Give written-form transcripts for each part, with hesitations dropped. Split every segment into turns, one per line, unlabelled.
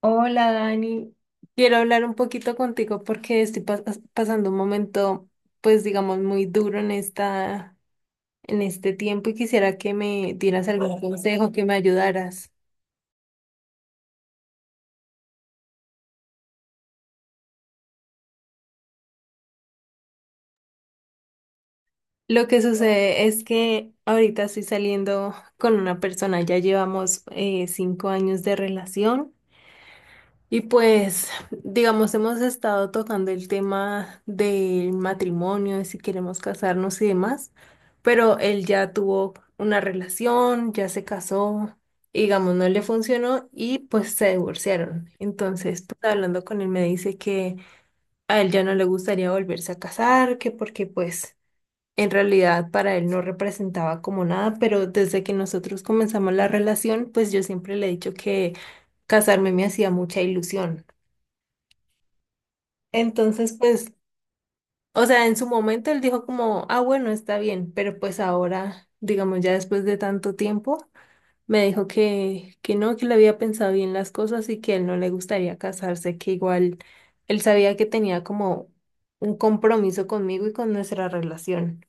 Hola Dani, quiero hablar un poquito contigo porque estoy pasando un momento, pues digamos, muy duro en en este tiempo y quisiera que me dieras algún consejo, que me ayudaras. Lo que sucede es que ahorita estoy saliendo con una persona, ya llevamos cinco años de relación. Y pues, digamos, hemos estado tocando el tema del matrimonio, de si queremos casarnos y demás, pero él ya tuvo una relación, ya se casó, y digamos, no le funcionó y pues se divorciaron. Entonces, pues hablando con él me dice que a él ya no le gustaría volverse a casar, que porque pues en realidad para él no representaba como nada, pero desde que nosotros comenzamos la relación, pues yo siempre le he dicho que casarme me hacía mucha ilusión. Entonces, pues, o sea, en su momento él dijo como, ah, bueno, está bien, pero pues ahora, digamos, ya después de tanto tiempo, me dijo que no, que le había pensado bien las cosas y que a él no le gustaría casarse, que igual él sabía que tenía como un compromiso conmigo y con nuestra relación.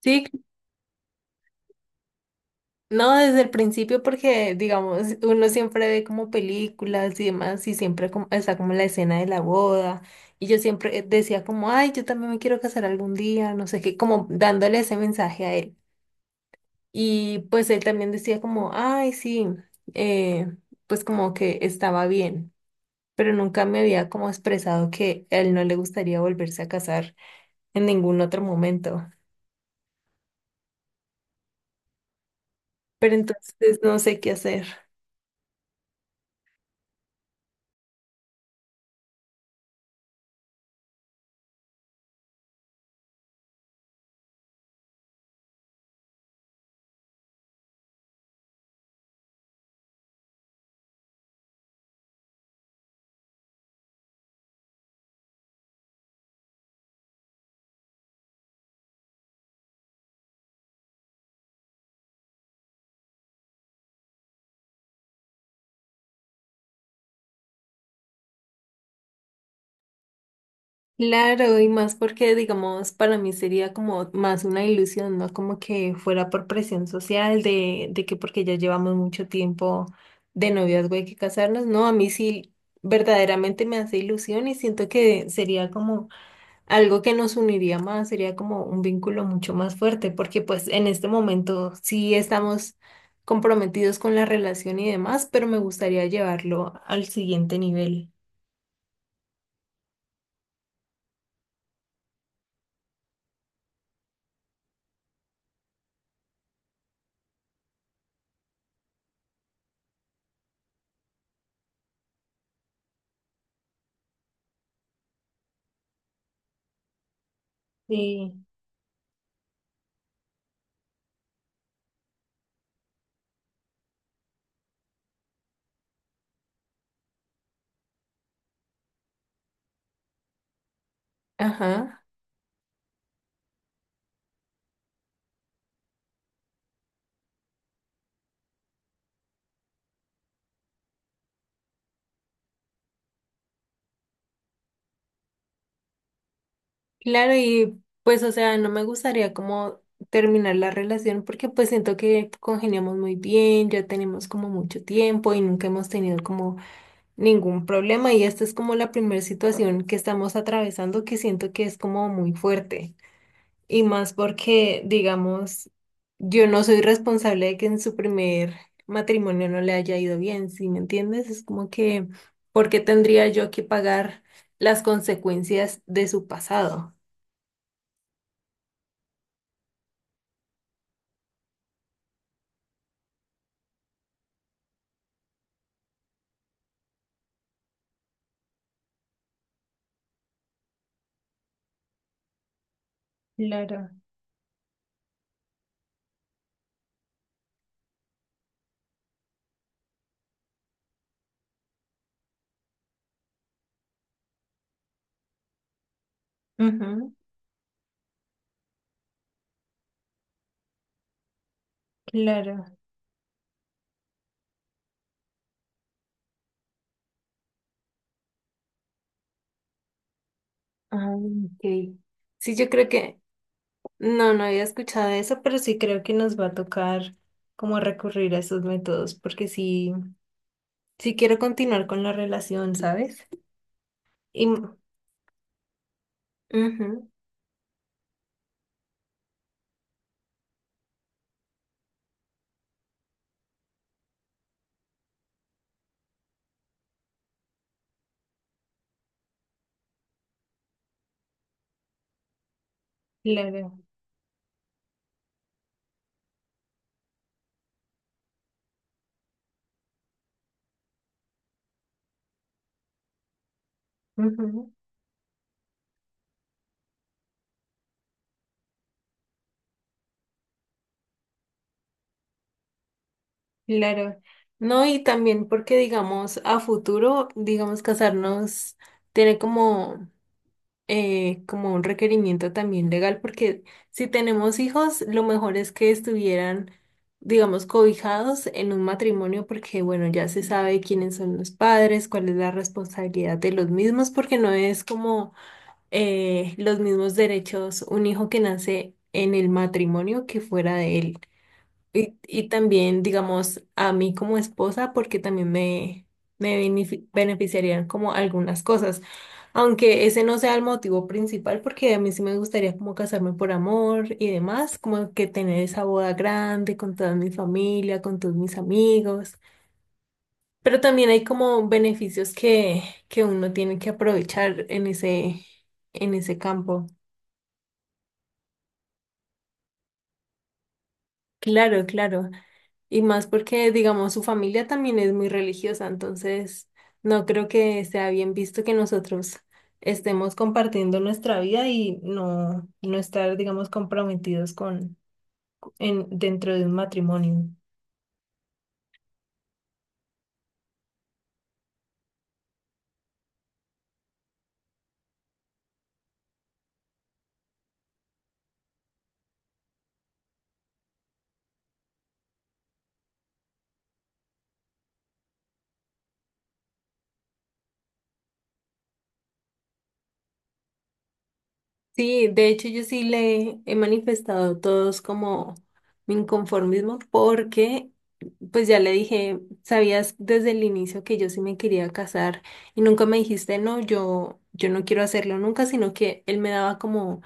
Sí. No, desde el principio porque, digamos, uno siempre ve como películas y demás y siempre como, está como la escena de la boda y yo siempre decía como, ay, yo también me quiero casar algún día, no sé qué, como dándole ese mensaje a él. Y pues él también decía como, ay, sí, eh, pues como que estaba bien, pero nunca me había como expresado que a él no le gustaría volverse a casar en ningún otro momento. Pero entonces no sé qué hacer. Claro, y más porque, digamos, para mí sería como más una ilusión, ¿no? Como que fuera por presión social de que porque ya llevamos mucho tiempo de noviazgo hay que casarnos, ¿no? A mí sí verdaderamente me hace ilusión y siento que sería como algo que nos uniría más, sería como un vínculo mucho más fuerte, porque pues en este momento sí estamos comprometidos con la relación y demás, pero me gustaría llevarlo al siguiente nivel. Sí. Ajá. Claro, y pues, o sea, no me gustaría como terminar la relación porque pues siento que congeniamos muy bien, ya tenemos como mucho tiempo y nunca hemos tenido como ningún problema y esta es como la primera situación que estamos atravesando que siento que es como muy fuerte y más porque, digamos, yo no soy responsable de que en su primer matrimonio no le haya ido bien, ¿sí me entiendes? Es como que, ¿por qué tendría yo que pagar las consecuencias de su pasado? Claro. Ujú, claro. Ah, ok. Sí, yo creo que no, no había escuchado eso, pero sí creo que nos va a tocar como recurrir a esos métodos, porque sí, sí quiero continuar con la relación, ¿sabes? Y, ujú, claro, ujú, claro. No, y también porque, digamos, a futuro, digamos, casarnos tiene como como un requerimiento también legal, porque si tenemos hijos, lo mejor es que estuvieran, digamos, cobijados en un matrimonio, porque bueno, ya se sabe quiénes son los padres, cuál es la responsabilidad de los mismos, porque no es como los mismos derechos un hijo que nace en el matrimonio que fuera de él. Y también, digamos, a mí como esposa, porque también beneficiarían como algunas cosas. Aunque ese no sea el motivo principal, porque a mí sí me gustaría como casarme por amor y demás, como que tener esa boda grande con toda mi familia, con todos mis amigos. Pero también hay como beneficios que uno tiene que aprovechar en en ese campo. Claro, claro. Y más porque, digamos, su familia también es muy religiosa, entonces no creo que sea bien visto que nosotros estemos compartiendo nuestra vida y no, no estar, digamos, comprometidos dentro de un matrimonio. Sí, de hecho yo sí le he manifestado todos como mi inconformismo porque pues ya le dije, sabías desde el inicio que yo sí me quería casar y nunca me dijiste no, yo no quiero hacerlo nunca, sino que él me daba como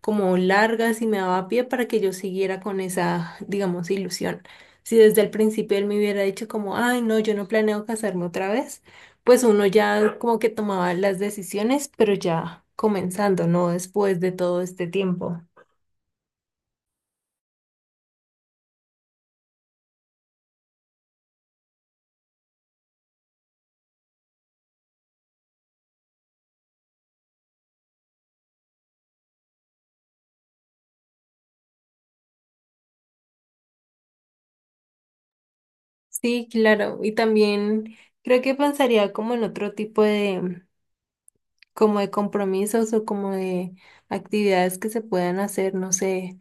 largas y me daba pie para que yo siguiera con esa, digamos, ilusión. Si desde el principio él me hubiera dicho como, "Ay, no, yo no planeo casarme otra vez." pues uno ya como que tomaba las decisiones, pero ya comenzando, ¿no? Después de todo este tiempo. Sí, claro. Y también creo que pensaría como en otro tipo como de compromisos o como de actividades que se puedan hacer, no sé,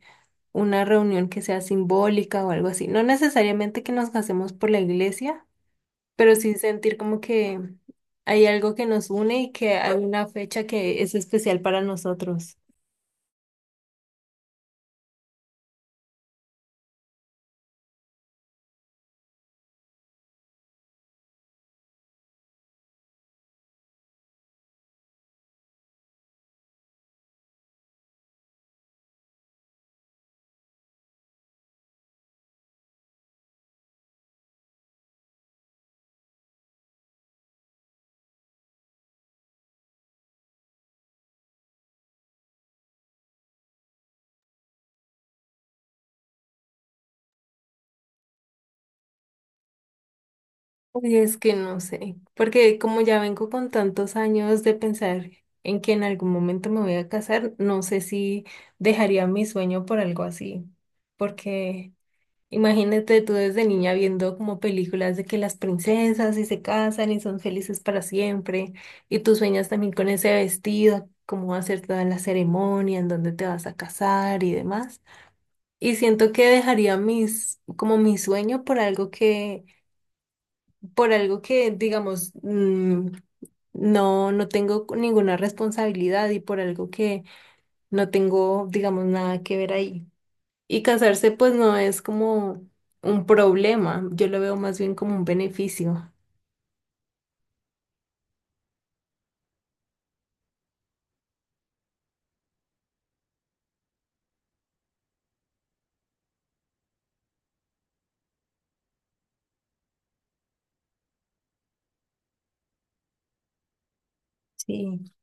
una reunión que sea simbólica o algo así. No necesariamente que nos casemos por la iglesia, pero sí sentir como que hay algo que nos une y que hay una fecha que es especial para nosotros. Uy, es que no sé, porque como ya vengo con tantos años de pensar en que en algún momento me voy a casar, no sé si dejaría mi sueño por algo así, porque imagínate tú desde niña viendo como películas de que las princesas y se casan y son felices para siempre, y tú sueñas también con ese vestido, cómo va a ser toda la ceremonia, en dónde te vas a casar y demás. Y siento que dejaría mis, como mi sueño por algo que, digamos, no, no tengo ninguna responsabilidad y por algo que no tengo, digamos, nada que ver ahí. Y casarse, pues no es como un problema, yo lo veo más bien como un beneficio. Sí.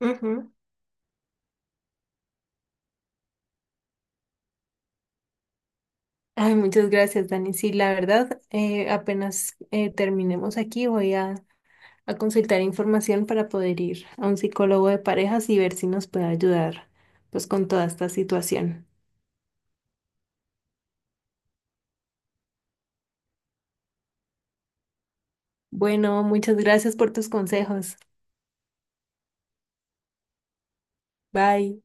Ujú. Ay, muchas gracias, Dani. Sí, la verdad, apenas terminemos aquí, voy a consultar información para poder ir a un psicólogo de parejas y ver si nos puede ayudar, pues, con toda esta situación. Bueno, muchas gracias por tus consejos. Bye.